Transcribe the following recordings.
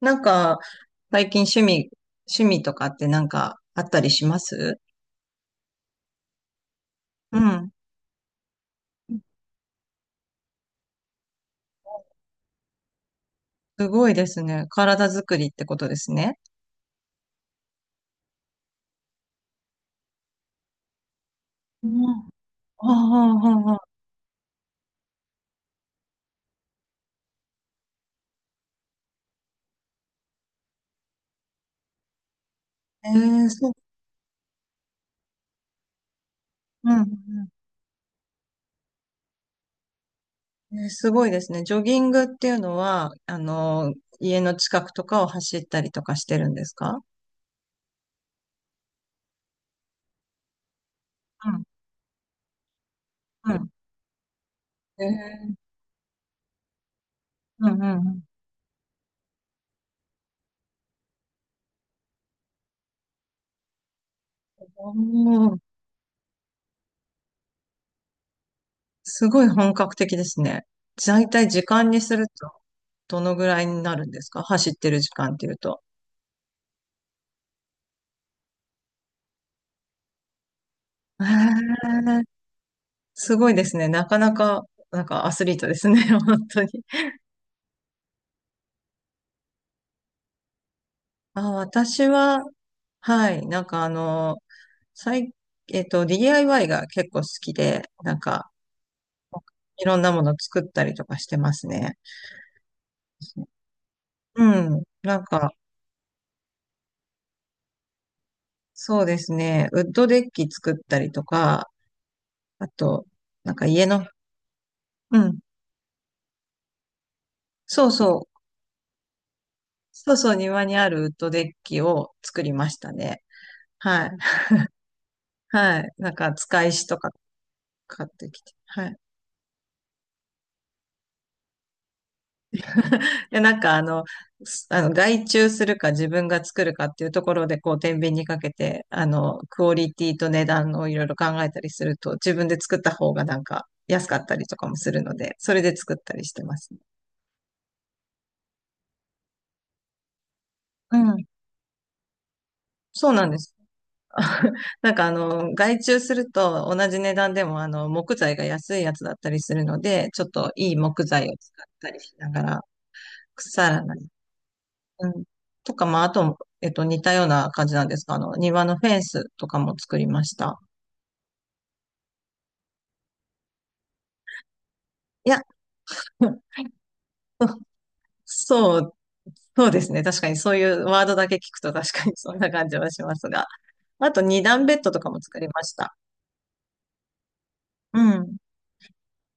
なんか、最近趣味とかってなんかあったりします？うん。すごいですね。体作りってことですね。うん。ああ、ああ、ああ。ええ、そう。うん。うん。すごいですね。ジョギングっていうのは、あの、家の近くとかを走ったりとかしてるんですか？うん。うん。えーうんうんうん。おー。すごい本格的ですね。大体時間にすると、どのぐらいになるんですか？走ってる時間っていうと。えーすごいですね。なかなか、なんかアスリートですね。本当に。あ、私は、はい、なんかあの、最、えっと、DIY が結構好きで、なんか、いろんなもの作ったりとかしてますね。うん。なんか、そうですね。ウッドデッキ作ったりとか、あと、なんか家の、うん。そうそう。そうそう、庭にあるウッドデッキを作りましたね。はい。はい。なんか、使い石とか買ってきて。はい。で、なんかあの、外注するか自分が作るかっていうところで、こう、天秤にかけて、あの、クオリティと値段をいろいろ考えたりすると、自分で作った方がなんか安かったりとかもするので、それで作ったりしてます。うん。そうなんです。なんかあの、外注すると同じ値段でもあの、木材が安いやつだったりするので、ちょっといい木材を使ったりしながら、腐らない、うん、とか、まあ、あと、似たような感じなんですが、あの、庭のフェンスとかも作りました。いや、そう、そうですね。確かにそういうワードだけ聞くと確かにそんな感じはしますが。あと、二段ベッドとかも作りました。うん。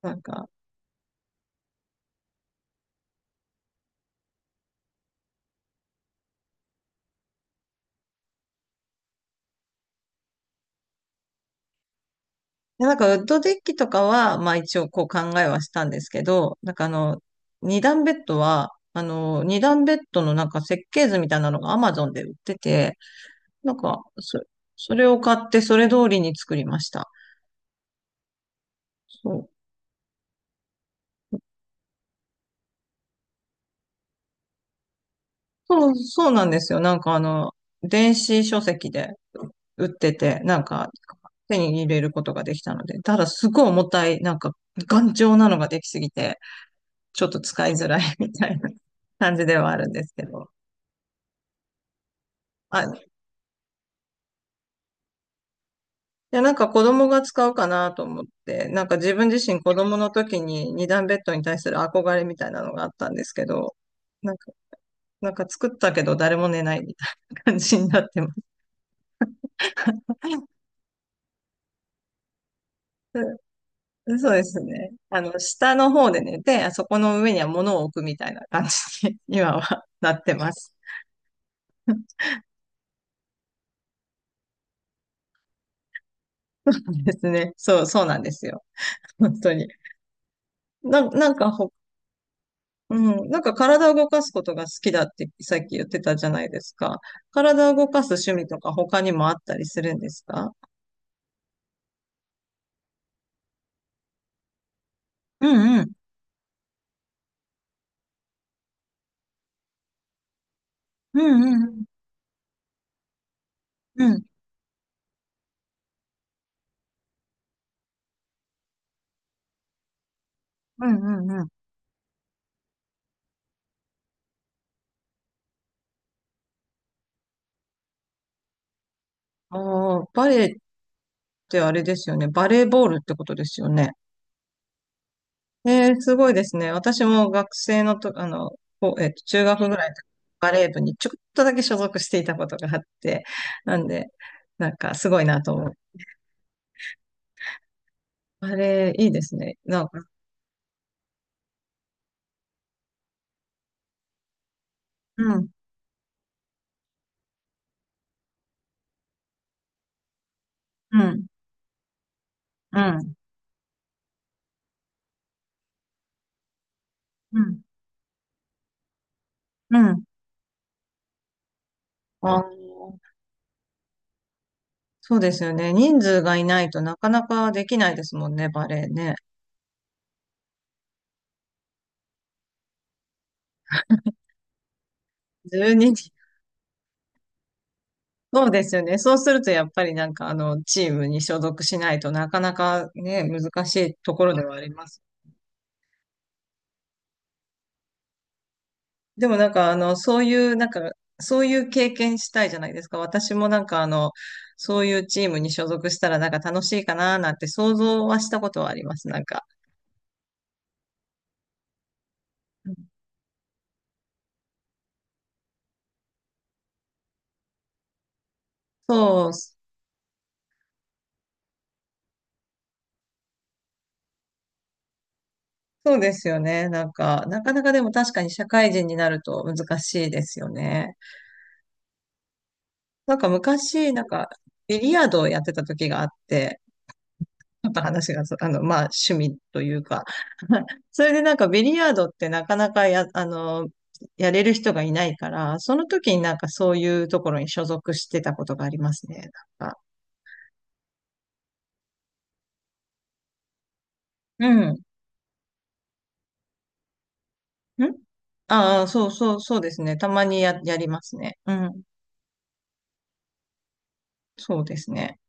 なんか、でなんかウッドデッキとかは、まあ一応こう考えはしたんですけど、なんかあの、二段ベッドは、あの、二段ベッドのなんか設計図みたいなのが Amazon で売ってて、なんか、それを買ってそれ通りに作りました。そうそう、そうなんですよ。なんかあの、電子書籍で売ってて、なんか手に入れることができたので、ただすごい重たい、なんか頑丈なのができすぎて、ちょっと使いづらい みたいな 感じではあるんですけど。あ、いや、なんか子供が使うかなと思って、なんか自分自身子供の時に二段ベッドに対する憧れみたいなのがあったんですけど、なんか、なんか作ったけど誰も寝ないみたいな感じになってます。そうですね。あの、下の方で寝て、あそこの上には物を置くみたいな感じに 今はなってます。ですね。そう、そうなんですよ。本当に。なんか、うん、なんか体を動かすことが好きだってさっき言ってたじゃないですか。体を動かす趣味とか他にもあったりするんですか？うんうん。うんうんうん。うんうんうんうん。ああ、バレエってあれですよね。バレーボールってことですよね。えー、すごいですね。私も学生のと、あの、こう、中学ぐらいの時バレー部にちょっとだけ所属していたことがあって、なんで、なんかすごいなと思う。バレーいいですね。なんか、うん、うん、うん、うん、うん。あの、そうですよね。人数がいないとなかなかできないですもんね、バレーね。1人。そうですよね。そうするとやっぱりなんかあの、チームに所属しないとなかなかね、難しいところではあります。でもなんかあの、そういう、なんか、そういう経験したいじゃないですか。私もなんかあの、そういうチームに所属したらなんか楽しいかななんて想像はしたことはあります。なんか。うん。そう、そうですよね。なんか、なかなかでも確かに社会人になると難しいですよね。なんか昔、なんか、ビリヤードをやってた時があって、ちょっと話があの、まあ、趣味というか。それでなんかビリヤードってなかなかあの、やれる人がいないから、その時になんかそういうところに所属してたことがありますね。なんか。うん。ん、ああー、そうそう、そうですね。たまにやりますね。うん。そうですね。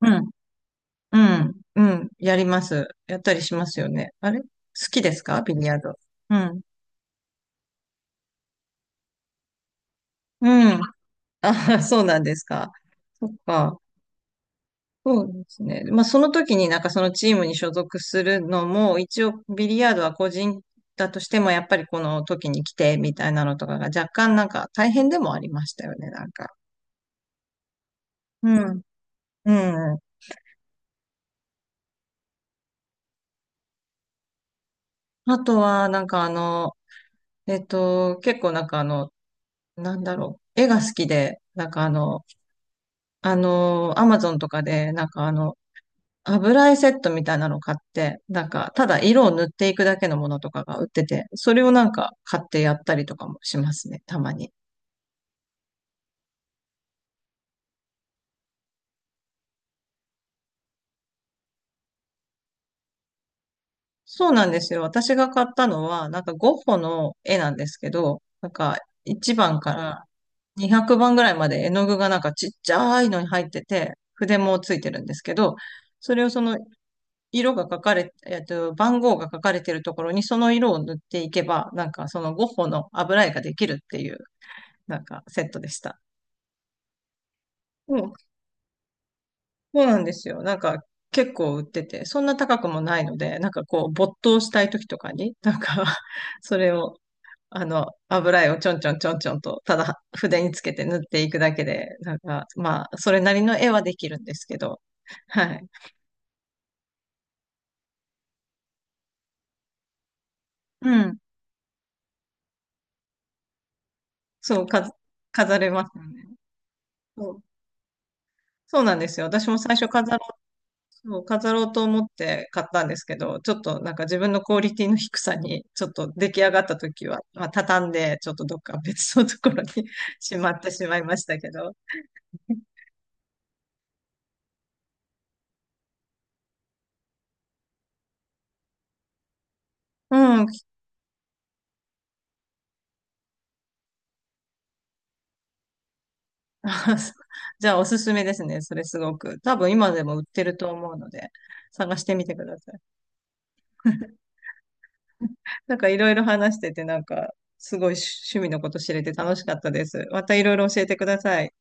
うん。うん。うん。やります。やったりしますよね。あれ好きですか？ビリヤード。うん。うん。ああ、そうなんですか。そっか。そうですね。まあ、その時になんかそのチームに所属するのも、一応ビリヤードは個人だとしても、やっぱりこの時に来てみたいなのとかが若干なんか大変でもありましたよね、なんか。うん。うん。あとは、なんかあの、結構なんかあの、なんだろう、絵が好きで、なんかあの、あの、アマゾンとかで、なんかあの、油絵セットみたいなの買って、なんか、ただ色を塗っていくだけのものとかが売ってて、それをなんか買ってやったりとかもしますね、たまに。そうなんですよ。私が買ったのは、なんかゴッホの絵なんですけど、なんか1番から200番ぐらいまで絵の具がなんかちっちゃいのに入ってて、筆もついてるんですけど、それをその色が書かれ、えっと、番号が書かれてるところにその色を塗っていけば、なんかそのゴッホの油絵ができるっていう、なんかセットでした。そう、そうなんですよ。なんか結構売ってて、そんな高くもないので、なんかこう没頭したい時とかに、なんか それを、あの、油絵をちょんちょんちょんちょんと、ただ筆につけて塗っていくだけで、なんかまあ、それなりの絵はできるんですけど、はい。うん。そう、か、飾れますよね。そう、そうなんですよ。私も最初そう、飾ろうと思って買ったんですけど、ちょっとなんか自分のクオリティの低さに、ちょっと出来上がった時は、まあ、畳んで、ちょっとどっか別のところに しまってしまいましたけど。うん。あ、そう、じゃあおすすめですね。それすごく。多分今でも売ってると思うので、探してみてください。なんかいろいろ話してて、なんかすごい趣味のこと知れて楽しかったです。またいろいろ教えてください。